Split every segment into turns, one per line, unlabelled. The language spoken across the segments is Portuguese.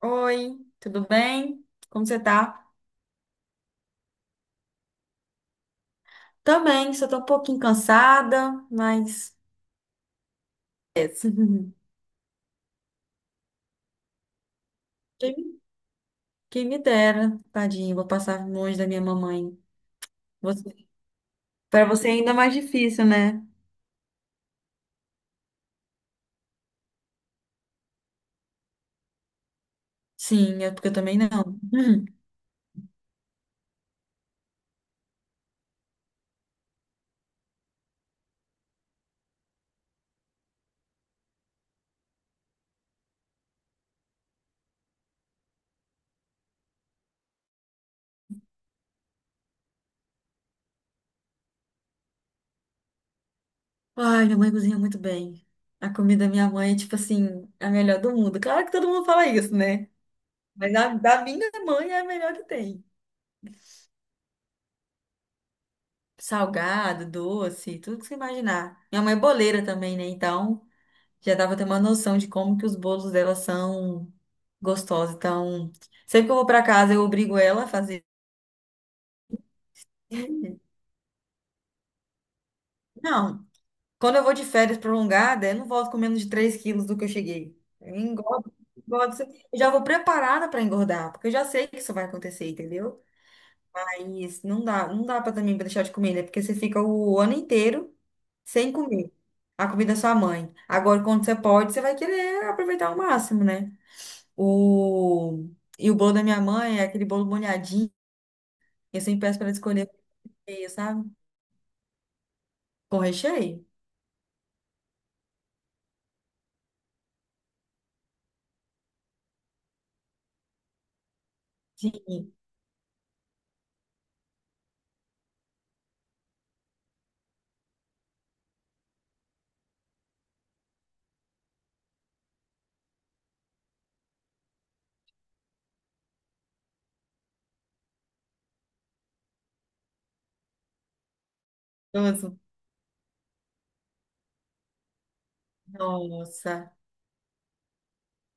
Oi, tudo bem? Como você tá? Também, só tô um pouquinho cansada, mas é. quem quem me dera, tadinho, vou passar longe da minha mamãe. Você... Para você é ainda mais difícil, né? Sim, é porque eu também não. Ai, minha mãe cozinha muito bem. A comida da minha mãe é tipo assim, a melhor do mundo. Claro que todo mundo fala isso, né? Mas a da minha mãe é a melhor que tem. Salgado, doce, tudo que você imaginar. Minha mãe é boleira também, né? Então, já dava ter uma noção de como que os bolos dela são gostosos. Então, sempre que eu vou para casa, eu obrigo ela a fazer. Não, quando eu vou de férias prolongada, eu não volto com menos de 3 quilos do que eu cheguei. Eu engordo, engordo, assim. Eu já vou preparada para engordar, porque eu já sei que isso vai acontecer, entendeu? Mas não dá, não dá para também pra deixar de comer, né? Porque você fica o ano inteiro sem comer. A comida da sua mãe. Agora, quando você pode, você vai querer aproveitar ao máximo, né? O... E o bolo da minha mãe é aquele bolo molhadinho. Eu sempre peço para ela escolher com recheio, sabe? Com recheio? Sim. Nossa. Nossa.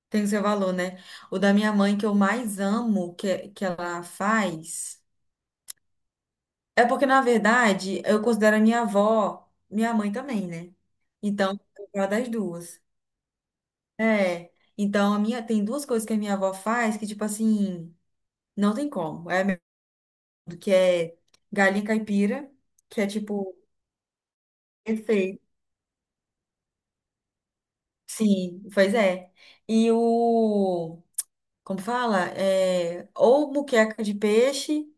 Tem o seu valor, né? O da minha mãe que eu mais amo que ela faz. É porque, na verdade, eu considero a minha avó minha mãe também, né? Então, eu gosto das duas. É. Então, a minha, tem duas coisas que a minha avó faz que, tipo assim, não tem como. É a mesma, que é galinha caipira, que é tipo Perfeito. Sim, pois é. E o, como fala? É, ou muqueca de peixe,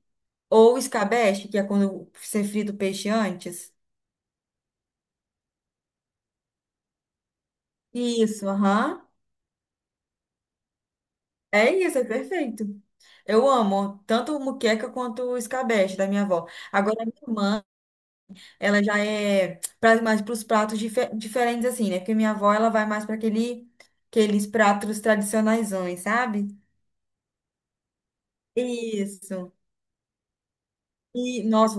ou escabeche, que é quando você frita o peixe antes. Isso, aham. É isso, é perfeito. Eu amo tanto muqueca quanto o escabeche da minha avó. Agora, a minha irmã, ela já é mais para os pratos diferentes, assim, né? Porque minha avó, ela vai mais para aquele, aqueles pratos tradicionaisões, sabe? Isso. E, nossa,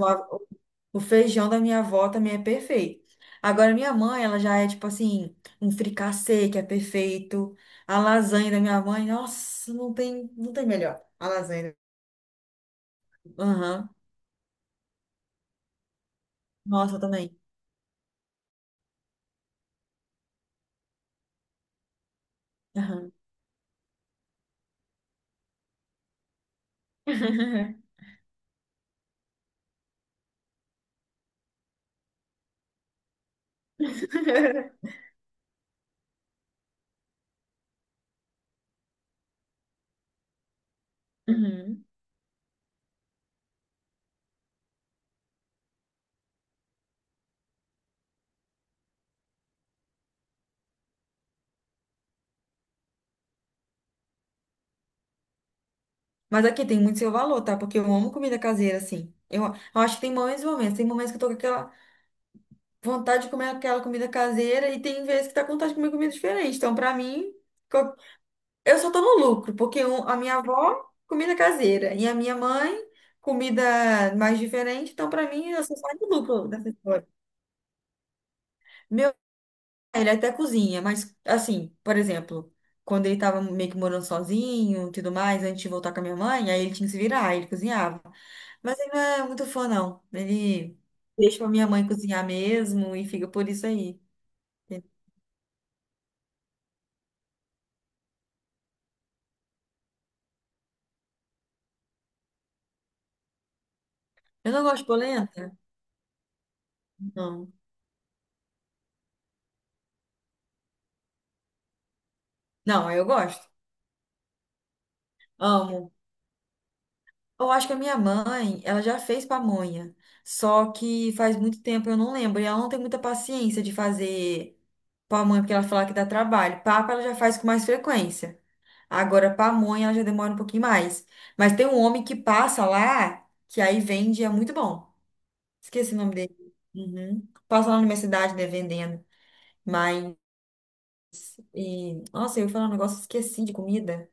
o feijão da minha avó também é perfeito. Agora, minha mãe, ela já é tipo assim, um fricassê que é perfeito. A lasanha da minha mãe, nossa, não tem, não tem melhor. A lasanha. Aham. Nossa, também. Aham. Uhum. Mas aqui tem muito seu valor, tá? Porque eu amo comida caseira, assim. Eu acho que tem momentos e momentos. Tem momentos que eu tô com aquela vontade de comer aquela comida caseira e tem vezes que tá com vontade de comer comida diferente. Então, pra mim, eu só tô no lucro, porque a minha avó, comida caseira, e a minha mãe, comida mais diferente. Então, pra mim, eu só saio no lucro dessa história. Meu pai, ele até cozinha, mas, assim, por exemplo, quando ele tava meio que morando sozinho e tudo mais, antes de voltar com a minha mãe, aí ele tinha que se virar, aí ele cozinhava. Mas ele não é muito fã, não. Ele deixa pra minha mãe cozinhar mesmo e fica por isso aí. Eu não gosto de polenta? Não. Não, eu gosto. Amo. Eu acho que a minha mãe, ela já fez pamonha, só que faz muito tempo eu não lembro, e ela não tem muita paciência de fazer pamonha porque ela fala que dá trabalho. Papa ela já faz com mais frequência. Agora pamonha ela já demora um pouquinho mais. Mas tem um homem que passa lá, que aí vende, é muito bom. Esqueci o nome dele. Uhum. Passa lá na minha cidade, né, vendendo. Mas, e, nossa, eu ia falar um negócio, esqueci de comida.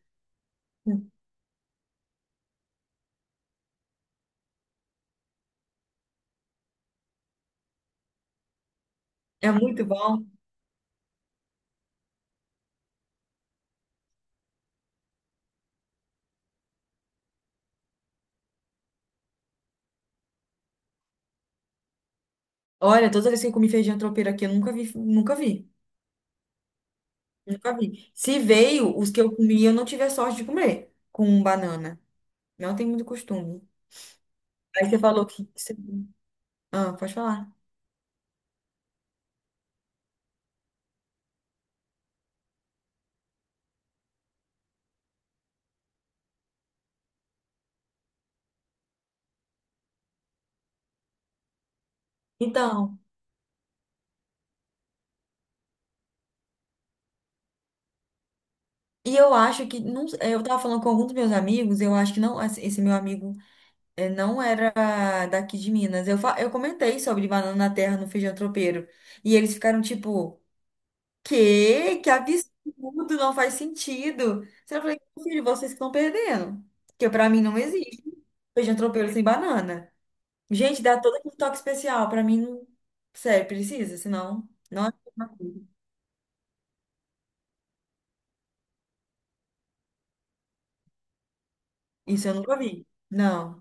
É muito bom. Olha, toda vez que eu comi feijão tropeiro aqui, eu nunca vi, nunca vi. Nunca vi. Se veio, os que eu comi, eu não tive a sorte de comer com banana. Não tem muito costume. Aí você falou que você- Ah, pode falar. Então, e eu acho que. Não, é, eu tava falando com alguns dos meus amigos, eu acho que não. Esse meu amigo é, não era daqui de Minas. Eu comentei sobre banana na terra no feijão tropeiro. E eles ficaram tipo: Quê? Que absurdo! Não faz sentido. Então, eu falei: Filho, vocês que estão perdendo. Porque pra mim não existe feijão tropeiro sem banana. Gente, dá todo aquele toque especial. Pra mim, não... sério, precisa, senão. Não é a mesma coisa. Isso eu nunca vi. Não.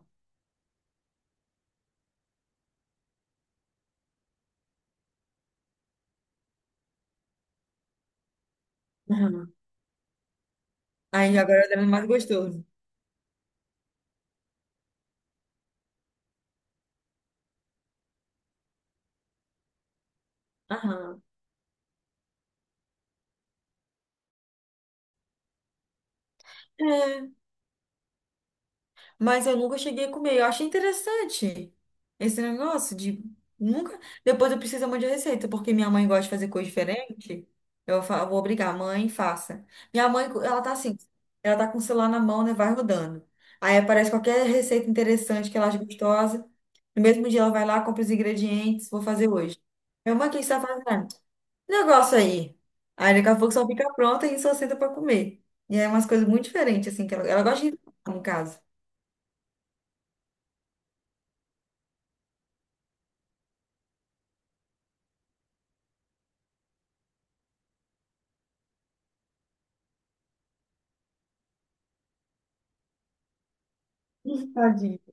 Aham. Aí agora deve ser mais gostoso. Aham. Mas eu nunca cheguei a comer. Eu achei interessante esse negócio de nunca. Depois eu preciso de a receita, porque minha mãe gosta de fazer coisa diferente. Eu vou obrigar, mãe, faça. Minha mãe, ela tá assim, ela tá com o celular na mão, né? Vai rodando. Aí aparece qualquer receita interessante que ela acha gostosa. No mesmo dia ela vai lá, compra os ingredientes, vou fazer hoje. Minha mãe, o que você tá fazendo? Negócio aí. Aí daqui a pouco só fica pronta e só senta pra comer. E é umas coisas muito diferentes, assim, que ela gosta de, ir no caso. Ih, tadinha.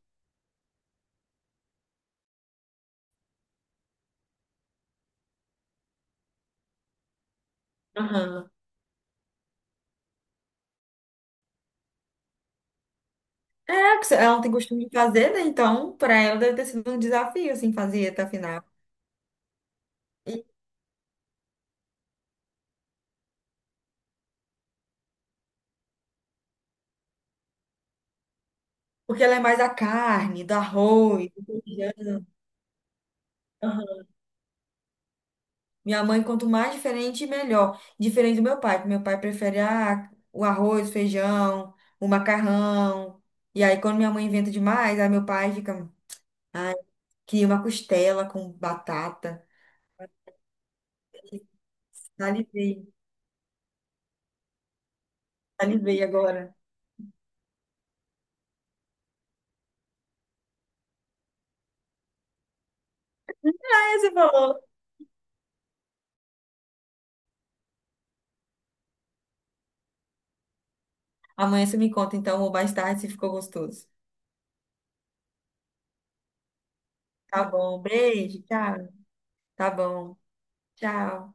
Aham. É, porque ela não tem costume de fazer, né? Então, para ela deve ter sido um desafio, assim, fazer até a final. E- Porque ela é mais da carne, do arroz, do feijão. Aham. Minha mãe, quanto mais diferente, melhor. Diferente do meu pai, porque meu pai prefere ah, o arroz, feijão, o macarrão. E aí, quando minha mãe inventa demais, aí meu pai fica, ai, queria uma costela com batata. Salivei, salivei agora. Aí você falou. Amanhã você me conta, então, ou mais tarde, se ficou gostoso. Tá bom, beijo, tchau. Tá bom, tchau.